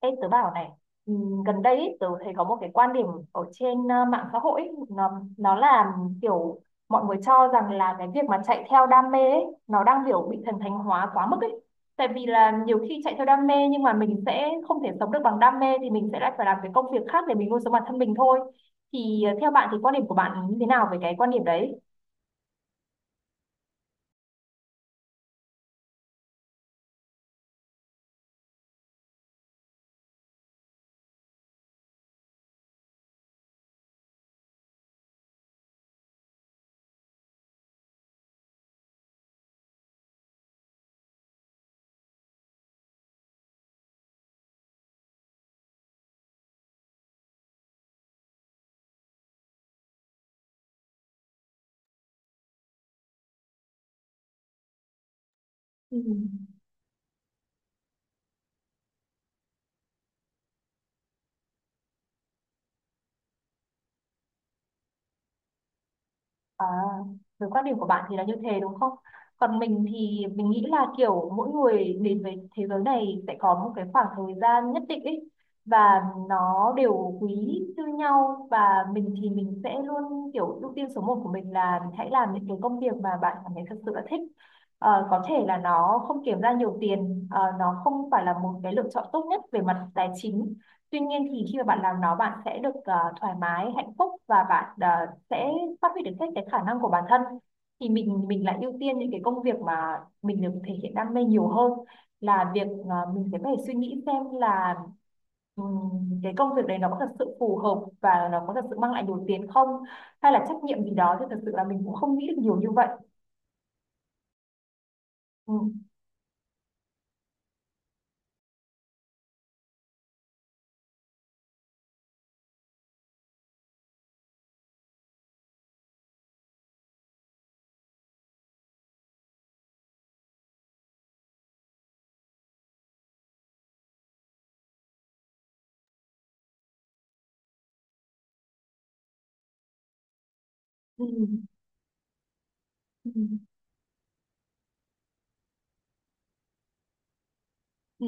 Ê, tớ bảo này, gần đây ý, tớ thấy có một cái quan điểm ở trên mạng xã hội ý, nó là kiểu mọi người cho rằng là cái việc mà chạy theo đam mê ấy, nó đang kiểu bị thần thánh hóa quá mức ấy. Tại vì là nhiều khi chạy theo đam mê nhưng mà mình sẽ không thể sống được bằng đam mê thì mình sẽ lại phải làm cái công việc khác để mình nuôi sống bản thân mình thôi. Thì theo bạn thì quan điểm của bạn như thế nào về cái quan điểm đấy? Ừ. À, với quan điểm của bạn thì là như thế đúng không? Còn mình thì mình nghĩ là kiểu mỗi người đến với thế giới này sẽ có một cái khoảng thời gian nhất định ấy và nó đều quý như nhau và mình thì mình sẽ luôn kiểu ưu tiên số một của mình là mình hãy làm những cái công việc mà bạn cảm thấy thật sự là thích. Ờ, có thể là nó không kiếm ra nhiều tiền, ờ, nó không phải là một cái lựa chọn tốt nhất về mặt tài chính. Tuy nhiên thì khi mà bạn làm nó bạn sẽ được thoải mái, hạnh phúc và bạn sẽ phát huy được hết cái khả năng của bản thân thì mình lại ưu tiên những cái công việc mà mình được thể hiện đam mê nhiều hơn là việc à, mình sẽ phải suy nghĩ xem là cái công việc đấy nó có thật sự phù hợp và nó có thật sự mang lại đủ tiền không hay là trách nhiệm gì đó thì thật sự là mình cũng không nghĩ được nhiều như vậy. Ừ. Ừ. Ừ. Ừ.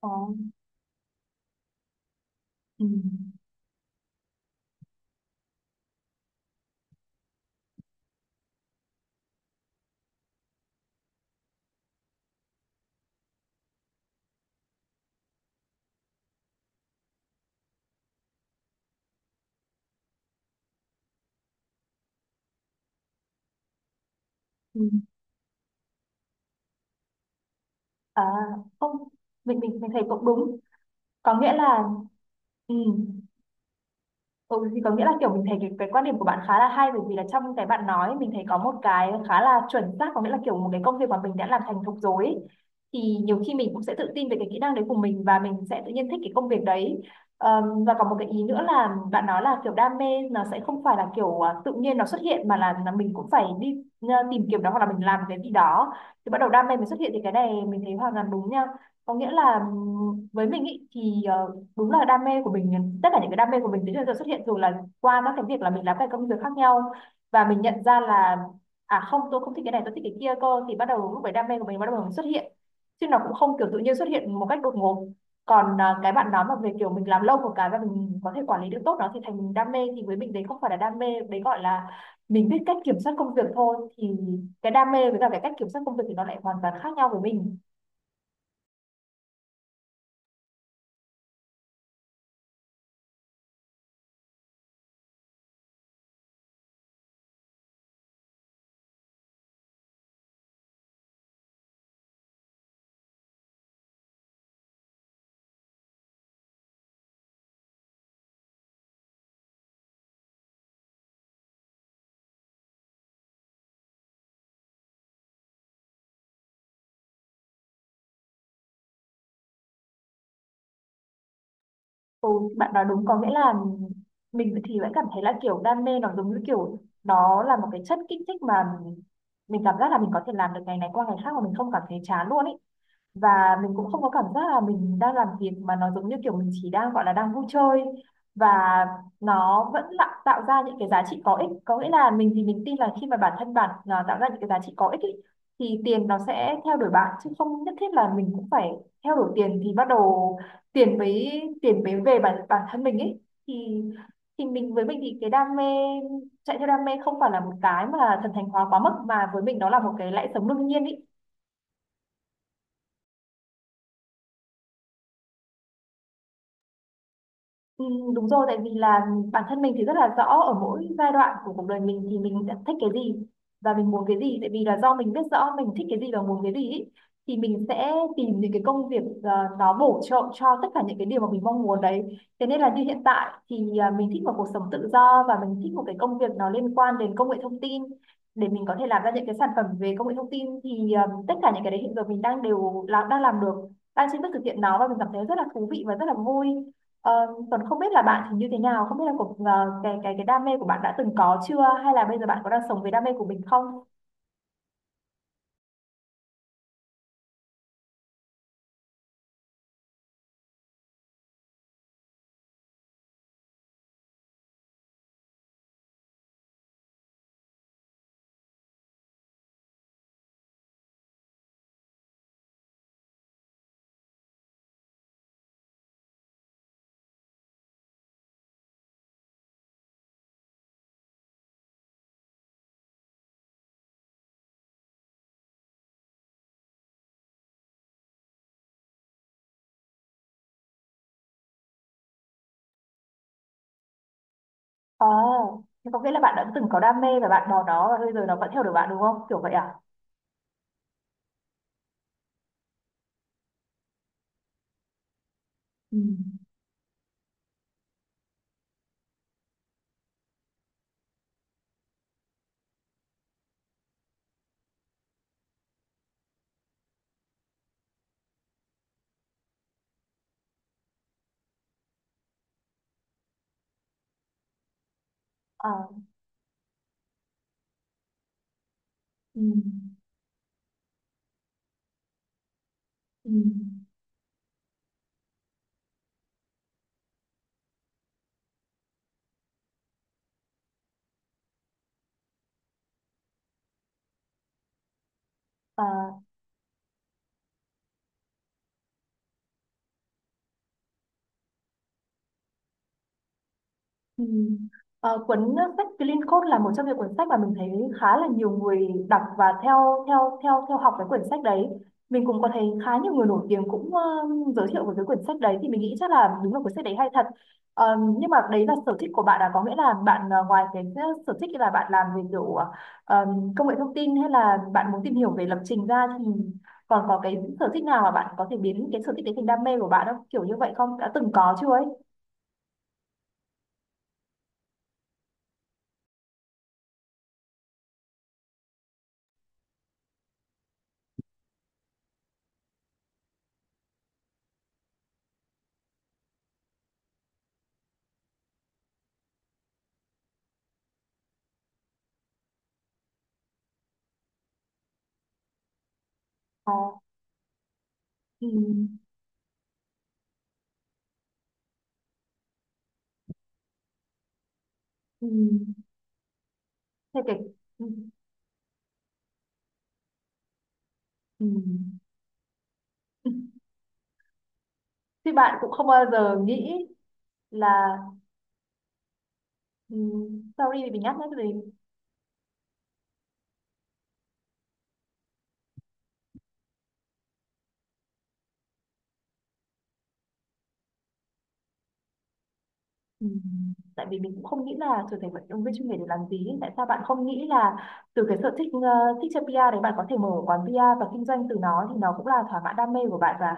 Ờ. Ừ. Ừ. À, không, mình thấy cũng đúng, có nghĩa là ừ. Ừ, thì có nghĩa là kiểu mình thấy cái quan điểm của bạn khá là hay bởi vì là trong cái bạn nói mình thấy có một cái khá là chuẩn xác, có nghĩa là kiểu một cái công việc mà mình đã làm thành thục rồi ấy. Thì nhiều khi mình cũng sẽ tự tin về cái kỹ năng đấy của mình và mình sẽ tự nhiên thích cái công việc đấy. Và có một cái ý nữa là bạn nói là kiểu đam mê nó sẽ không phải là kiểu à, tự nhiên nó xuất hiện mà là mình cũng phải đi à, tìm kiếm nó hoặc là mình làm cái gì đó thì bắt đầu đam mê mới xuất hiện thì cái này mình thấy hoàn toàn đúng nha. Có nghĩa là với mình ý, thì đúng là đam mê của mình, tất cả những cái đam mê của mình đến giờ xuất hiện dù là qua các cái việc là mình làm các công việc khác nhau và mình nhận ra là à không, tôi không thích cái này tôi thích cái kia cơ thì bắt đầu lúc đấy đam mê của mình bắt đầu xuất hiện chứ nó cũng không kiểu tự nhiên xuất hiện một cách đột ngột. Còn à, cái bạn nói mà về kiểu mình làm lâu một cái và mình có thể quản lý được tốt nó thì thành mình đam mê thì với mình đấy không phải là đam mê, đấy gọi là mình biết cách kiểm soát công việc thôi. Thì cái đam mê với cả cái cách kiểm soát công việc thì nó lại hoàn toàn khác nhau với mình. Ừ, bạn nói đúng, có nghĩa là mình thì vẫn cảm thấy là kiểu đam mê nó giống như kiểu nó là một cái chất kích thích mà mình cảm giác là mình có thể làm được ngày này qua ngày khác mà mình không cảm thấy chán luôn ý, và mình cũng không có cảm giác là mình đang làm việc mà nó giống như kiểu mình chỉ đang gọi là đang vui chơi và nó vẫn là tạo ra những cái giá trị có ích, có nghĩa là mình thì mình tin là khi mà bản thân bạn là tạo ra những cái giá trị có ích ý, thì tiền nó sẽ theo đuổi bạn chứ không nhất thiết là mình cũng phải theo đuổi tiền thì bắt đầu tiền mới về bản bản thân mình ấy. thì thì mình, với mình thì cái đam mê, chạy theo đam mê không phải là một cái mà thần thánh hóa quá mức mà với mình nó là một cái lẽ sống đương nhiên ý. Ừ, đúng rồi, tại vì là bản thân mình thì rất là rõ ở mỗi giai đoạn của cuộc đời mình thì mình sẽ thích cái gì và mình muốn cái gì, tại vì là do mình biết rõ mình thích cái gì và muốn cái gì ý, thì mình sẽ tìm những cái công việc nó bổ trợ cho tất cả những cái điều mà mình mong muốn đấy. Thế nên là như hiện tại thì à, mình thích một cuộc sống tự do và mình thích một cái công việc nó liên quan đến công nghệ thông tin để mình có thể làm ra những cái sản phẩm về công nghệ thông tin thì à, tất cả những cái đấy hiện giờ mình đang đều làm, đang làm được, đang chính thức thực hiện nó và mình cảm thấy rất là thú vị và rất là vui. Ờ, còn không biết là bạn thì như thế nào, không biết là cái đam mê của bạn đã từng có chưa, hay là bây giờ bạn có đang sống với đam mê của mình không? Ờ, thế có nghĩa là bạn đã từng có đam mê và bạn bỏ nó và bây giờ nó vẫn theo đuổi bạn đúng không? Kiểu vậy à? Ừ. Ờ. Ừ. Ừ. Ờ. Ừ. Ờ, cuốn sách Clean Code là một trong những cuốn sách mà mình thấy khá là nhiều người đọc và theo theo theo theo học cái quyển sách đấy. Mình cũng có thấy khá nhiều người nổi tiếng cũng giới thiệu về cái quyển sách đấy thì mình nghĩ chắc là đúng là cuốn sách đấy hay thật. Ờ, nhưng mà đấy là sở thích của bạn. Là có nghĩa là bạn ngoài cái sở thích là bạn làm về kiểu ờ, công nghệ thông tin hay là bạn muốn tìm hiểu về lập trình ra thì còn có cái sở thích nào mà bạn có thể biến cái sở thích đấy thành đam mê của bạn không? Kiểu như vậy không? Đã từng có chưa ấy? Ờ. Ừ. Ừ. Thế cái ừ. Ừ. Ừ. Thì bạn cũng không bao giờ nghĩ là ừ, sorry vì mình nhắc nhé gì. Ừ. Tại vì mình cũng không nghĩ là trở thành vận động viên chuyên nghiệp để làm gì. Tại sao bạn không nghĩ là từ cái sở thích thích chơi PR đấy bạn có thể mở quán PR và kinh doanh từ nó thì nó cũng là thỏa mãn đam mê của bạn, và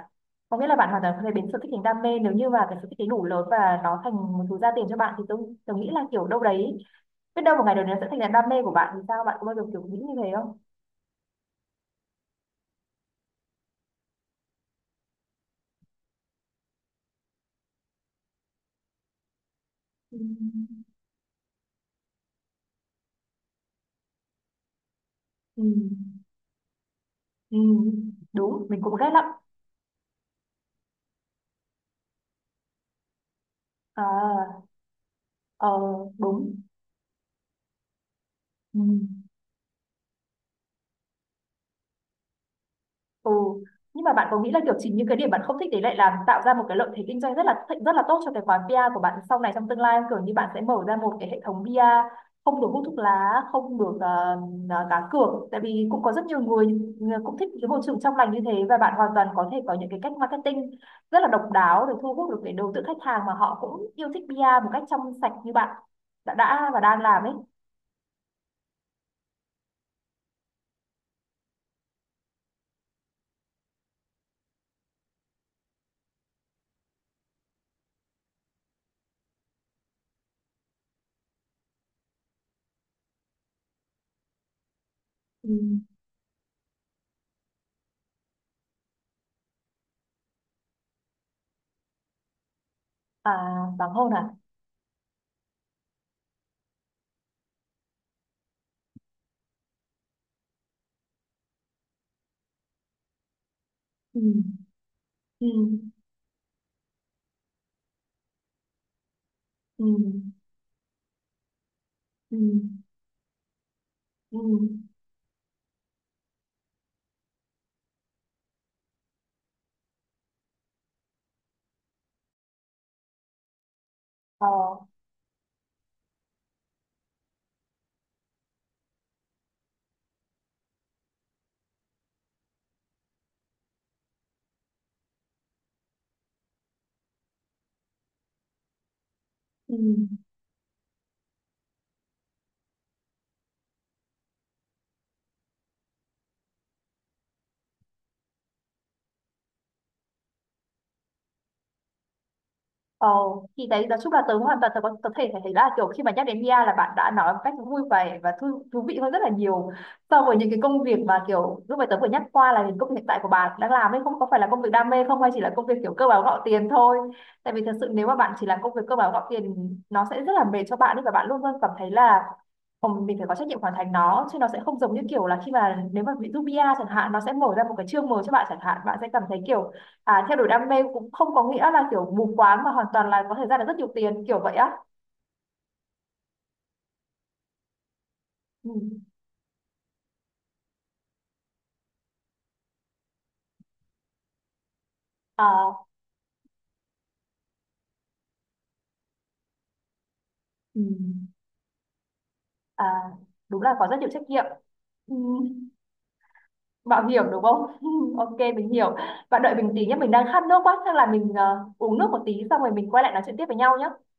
có nghĩa là bạn hoàn toàn có thể biến sở thích thành đam mê nếu như mà cái sở thích ấy đủ lớn và nó thành một thứ ra tiền cho bạn thì tôi nghĩ là kiểu đâu đấy, biết đâu một ngày nào đấy nó sẽ thành là đam mê của bạn thì sao, bạn có bao giờ kiểu nghĩ như thế không? Ừ. Ừ. Ừ, đúng, mình cũng ghét lắm. À. Ờ. Đúng. Ừ. Ừ, nhưng mà bạn có nghĩ là kiểu chính những cái điểm bạn không thích đấy lại làm tạo ra một cái lợi thế kinh doanh rất là tốt cho cái quán bia của bạn sau này trong tương lai không? Kiểu như bạn sẽ mở ra một cái hệ thống bia không được hút thuốc lá, không được cá cược, tại vì cũng có rất nhiều người cũng thích cái môi trường trong lành như thế và bạn hoàn toàn có thể có những cái cách marketing rất là độc đáo để thu hút được cái đối tượng khách hàng mà họ cũng yêu thích bia một cách trong sạch như bạn đã và đang làm ấy. Ừ. À, hoàng hôn à? Ừ, ừ, ừ, ừ, ừ, ừ, ờ, ừ. Ờ, thì đấy nói chung là tớ hoàn toàn tớ thể thể thấy là kiểu khi mà nhắc đến Mia là bạn đã nói một cách vui vẻ và thú vị hơn rất là nhiều so với những cái công việc mà kiểu lúc mà tớ vừa nhắc qua là những công việc hiện tại của bạn đang làm ấy, không có phải là công việc đam mê không hay chỉ là công việc kiểu cơ bản gạo tiền thôi, tại vì thật sự nếu mà bạn chỉ làm công việc cơ bản gạo tiền nó sẽ rất là mệt cho bạn ấy và bạn luôn luôn cảm thấy là "Ồ, mình phải có trách nhiệm hoàn thành nó", chứ nó sẽ không giống như kiểu là khi mà nếu mà ví dụ Mia chẳng hạn, nó sẽ mở ra một cái chương mới cho bạn chẳng hạn, bạn sẽ cảm thấy kiểu à, theo đuổi đam mê cũng không có nghĩa là kiểu mù quáng mà hoàn toàn là có thể ra được rất nhiều tiền kiểu vậy á. Ừ. À, ừ. À, đúng là có rất nhiều trách nhiệm. Ừ. Mạo hiểm đúng không? Ok mình hiểu. Bạn đợi mình tí nhé, mình đang khát nước quá, chắc là mình uống nước một tí xong rồi mình quay lại nói chuyện tiếp với nhau nhé.